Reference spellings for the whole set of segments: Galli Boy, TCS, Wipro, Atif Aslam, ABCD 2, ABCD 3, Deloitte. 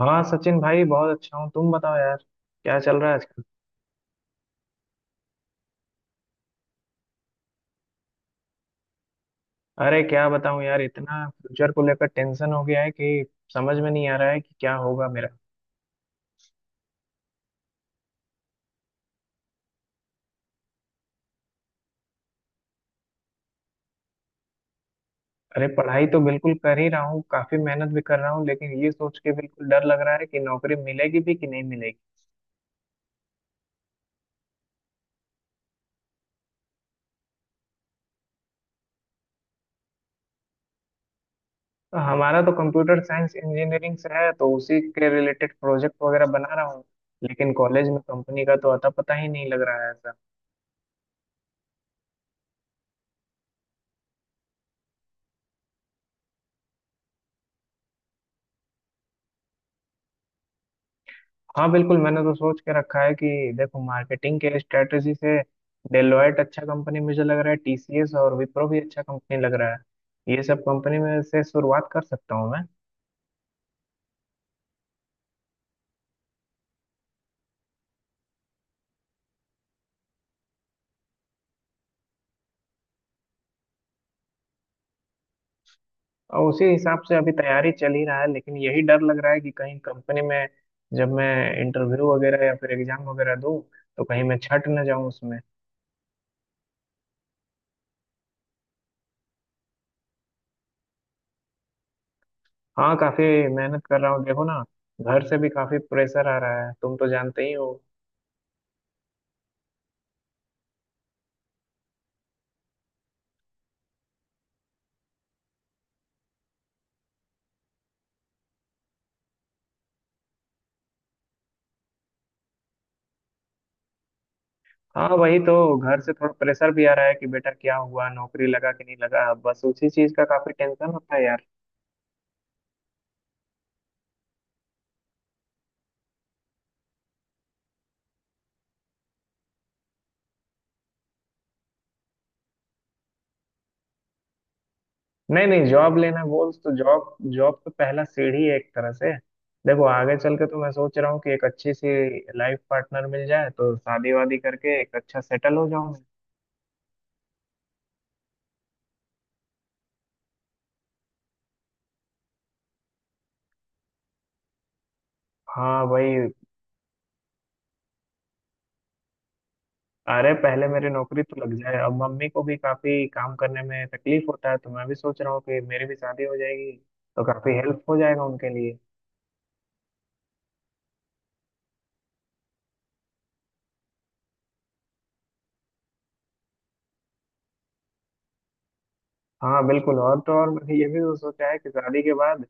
हाँ सचिन भाई, बहुत अच्छा हूँ। तुम बताओ यार, क्या चल रहा है आजकल। अरे क्या बताऊँ यार, इतना फ्यूचर को लेकर टेंशन हो गया है कि समझ में नहीं आ रहा है कि क्या होगा मेरा। अरे पढ़ाई तो बिल्कुल कर ही रहा हूँ, काफी मेहनत भी कर रहा हूँ, लेकिन ये सोच के बिल्कुल डर लग रहा है कि नौकरी मिलेगी भी कि नहीं मिलेगी। तो हमारा तो कंप्यूटर साइंस इंजीनियरिंग से है, तो उसी के रिलेटेड प्रोजेक्ट वगैरह बना रहा हूँ, लेकिन कॉलेज में कंपनी का तो अता पता ही नहीं लग रहा है। हाँ बिल्कुल, मैंने तो सोच के रखा है कि देखो, मार्केटिंग के स्ट्रेटजी से डेलॉयट अच्छा कंपनी मुझे लग रहा है, टीसीएस और विप्रो भी अच्छा कंपनी लग रहा है। ये सब कंपनी में से शुरुआत कर सकता हूँ मैं। और उसी हिसाब से अभी तैयारी चल ही रहा है, लेकिन यही डर लग रहा है कि कहीं कंपनी में जब मैं इंटरव्यू वगैरह या फिर एग्जाम वगैरह दूँ, तो कहीं मैं छट न जाऊँ उसमें। हाँ, काफी मेहनत कर रहा हूँ, देखो ना। घर से भी काफी प्रेशर आ रहा है, तुम तो जानते ही हो। हाँ वही तो, घर से थोड़ा प्रेशर भी आ रहा है कि बेटा क्या हुआ, नौकरी लगा कि नहीं लगा। बस उसी चीज का काफी टेंशन होता है यार। नहीं नहीं, जॉब लेना गोल तो, जॉब जॉब तो पहला सीढ़ी है एक तरह से। देखो आगे चल के तो मैं सोच रहा हूँ कि एक अच्छी सी लाइफ पार्टनर मिल जाए तो शादी वादी करके एक अच्छा सेटल हो जाऊँ। हाँ भाई। अरे पहले मेरी नौकरी तो लग जाए। अब मम्मी को भी काफी काम करने में तकलीफ होता है, तो मैं भी सोच रहा हूँ कि मेरी भी शादी हो जाएगी तो काफी हेल्प हो जाएगा उनके लिए। हाँ बिल्कुल। और तो और, मैंने ये भी तो सोचा है कि शादी के बाद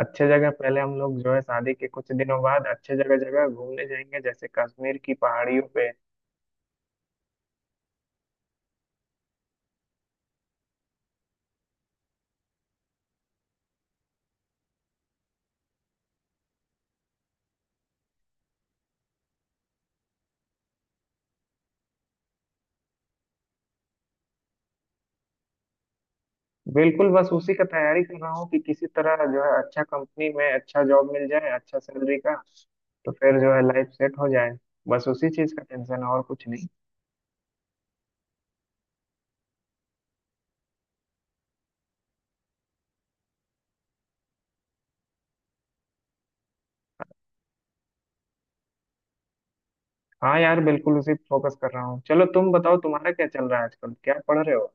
अच्छे जगह पहले हम लोग जो है, शादी के कुछ दिनों बाद अच्छे जगह जगह घूमने जाएंगे, जैसे कश्मीर की पहाड़ियों पे। बिल्कुल, बस उसी का तैयारी कर रहा हूँ कि किसी तरह जो है, अच्छा कंपनी में अच्छा जॉब मिल जाए, अच्छा सैलरी का, तो फिर जो है लाइफ सेट हो जाए। बस उसी चीज का टेंशन है, और कुछ नहीं। हाँ यार बिल्कुल, उसी फोकस कर रहा हूँ। चलो तुम बताओ, तुम्हारा क्या चल रहा है आजकल, क्या पढ़ रहे हो।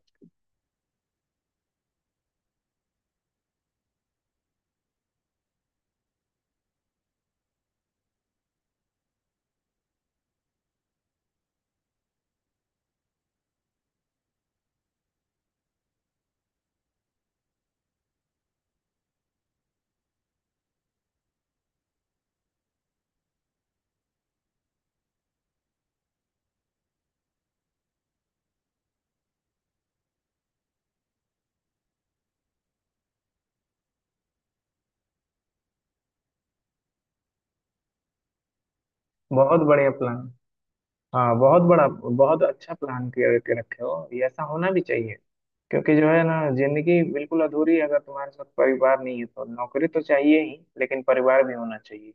बहुत बढ़िया प्लान। हाँ बहुत बड़ा, बहुत अच्छा प्लान किया के रखे हो। ये ऐसा होना भी चाहिए, क्योंकि जो है ना, जिंदगी बिल्कुल अधूरी है अगर तुम्हारे साथ परिवार नहीं है तो। नौकरी तो चाहिए ही, लेकिन परिवार भी होना चाहिए।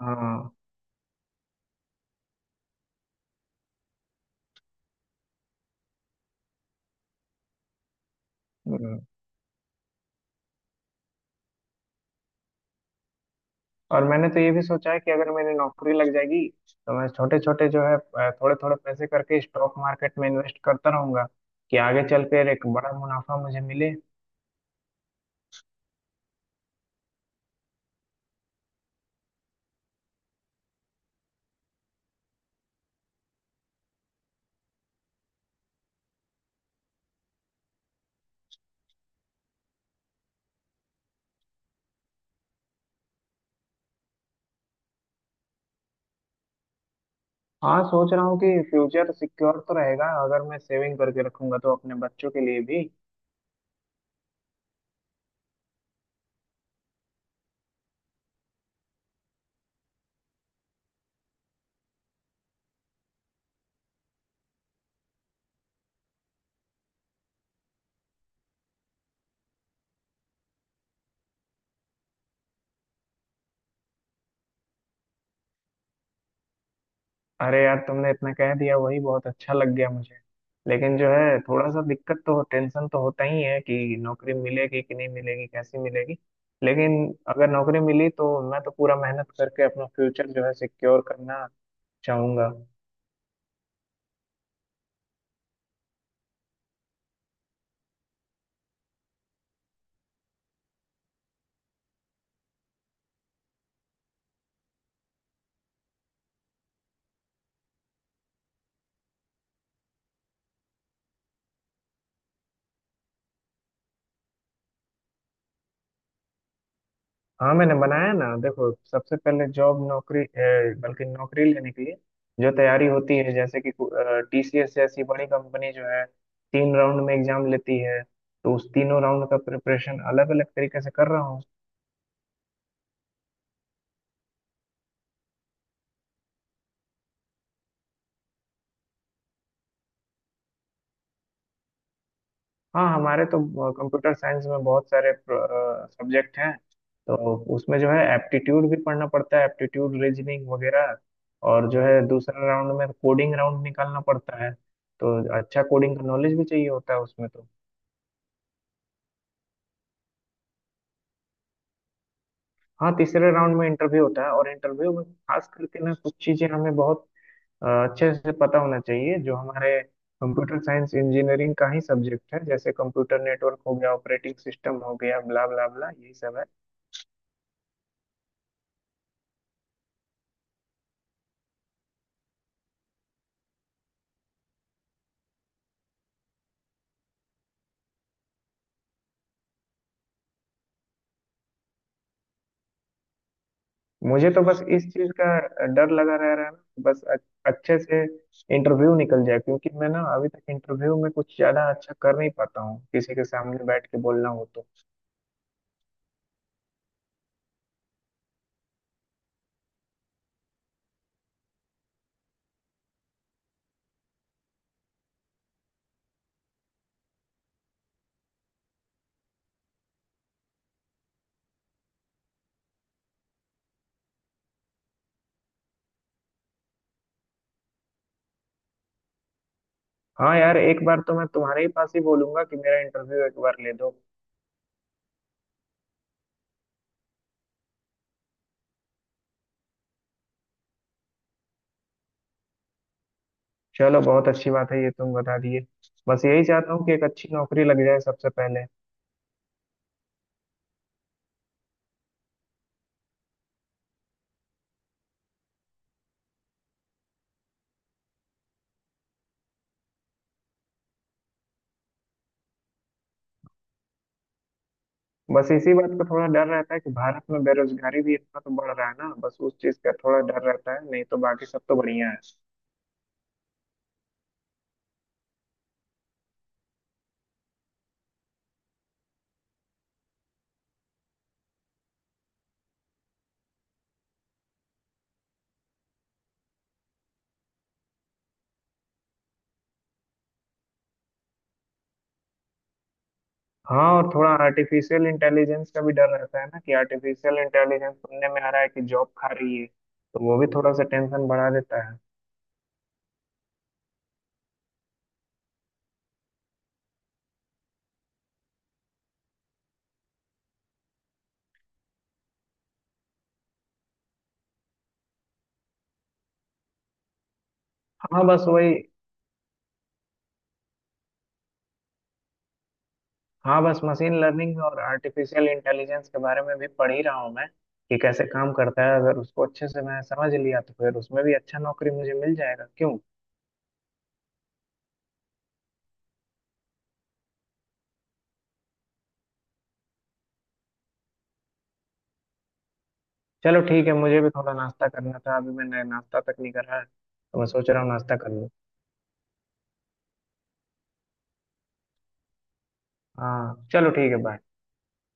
हाँ। हम्म। और मैंने तो ये भी सोचा है कि अगर मेरी नौकरी लग जाएगी तो मैं छोटे छोटे जो है, थोड़े थोड़े पैसे करके स्टॉक मार्केट में इन्वेस्ट करता रहूंगा कि आगे चल कर एक बड़ा मुनाफा मुझे मिले। हाँ, सोच रहा हूँ कि फ्यूचर सिक्योर तो रहेगा अगर मैं सेविंग करके रखूंगा तो, अपने बच्चों के लिए भी। अरे यार तुमने इतना कह दिया, वही बहुत अच्छा लग गया मुझे। लेकिन जो है थोड़ा सा दिक्कत तो, टेंशन तो होता ही है कि नौकरी मिलेगी कि नहीं मिलेगी, कैसी मिलेगी। लेकिन अगर नौकरी मिली तो मैं तो पूरा मेहनत करके अपना फ्यूचर जो है सिक्योर करना चाहूंगा। हाँ मैंने बनाया ना। देखो, सबसे पहले जॉब, बल्कि नौकरी लेने के लिए जो तैयारी होती है, जैसे कि टीसीएस जैसी बड़ी कंपनी जो है, तीन राउंड में एग्जाम लेती है। तो उस तीनों राउंड का प्रिपरेशन अलग अलग तरीके से कर रहा हूँ। हाँ हमारे तो कंप्यूटर साइंस में बहुत सारे सब्जेक्ट हैं, तो उसमें जो है एप्टीट्यूड भी पढ़ना पड़ता है, एप्टीट्यूड रीजनिंग वगैरह। और जो है दूसरा राउंड में कोडिंग राउंड निकालना पड़ता है, तो अच्छा कोडिंग का नॉलेज भी चाहिए होता है उसमें तो। हाँ तीसरे राउंड में इंटरव्यू होता है, और इंटरव्यू में खास करके ना कुछ चीजें हमें बहुत अच्छे से पता होना चाहिए, जो हमारे कंप्यूटर साइंस इंजीनियरिंग का ही सब्जेक्ट है, जैसे कंप्यूटर नेटवर्क हो गया, ऑपरेटिंग सिस्टम हो गया, ब्ला ब्ला ब्ला, यही सब है। मुझे तो बस इस चीज का डर लगा रह रहा है ना, अच्छे से इंटरव्यू निकल जाए, क्योंकि मैं ना अभी तक इंटरव्यू में कुछ ज्यादा अच्छा कर नहीं पाता हूँ, किसी के सामने बैठ के बोलना हो तो। हाँ यार, एक बार तो मैं तुम्हारे ही पास ही बोलूंगा कि मेरा इंटरव्यू एक बार ले दो। चलो बहुत अच्छी बात है, ये तुम बता दिए। बस यही चाहता हूँ कि एक अच्छी नौकरी लग जाए सबसे पहले। बस इसी बात का थोड़ा डर रहता है कि भारत में बेरोजगारी भी इतना तो बढ़ रहा है ना, बस उस चीज का थोड़ा डर रहता है, नहीं तो बाकी सब तो बढ़िया है। हाँ, और थोड़ा आर्टिफिशियल इंटेलिजेंस का भी डर रहता है ना, कि आर्टिफिशियल इंटेलिजेंस सुनने में आ रहा है कि जॉब खा रही है, तो वो भी थोड़ा सा टेंशन बढ़ा देता है। हाँ बस वही। हाँ, बस मशीन लर्निंग और आर्टिफिशियल इंटेलिजेंस के बारे में भी पढ़ ही रहा हूँ मैं कि कैसे काम करता है। अगर उसको अच्छे से मैं समझ लिया तो फिर उसमें भी अच्छा नौकरी मुझे मिल जाएगा क्यों। चलो ठीक है, मुझे भी थोड़ा नाश्ता करना था, अभी मैंने नाश्ता तक नहीं करा है, तो मैं सोच रहा हूँ नाश्ता कर लूँ। हाँ चलो ठीक है, बाय।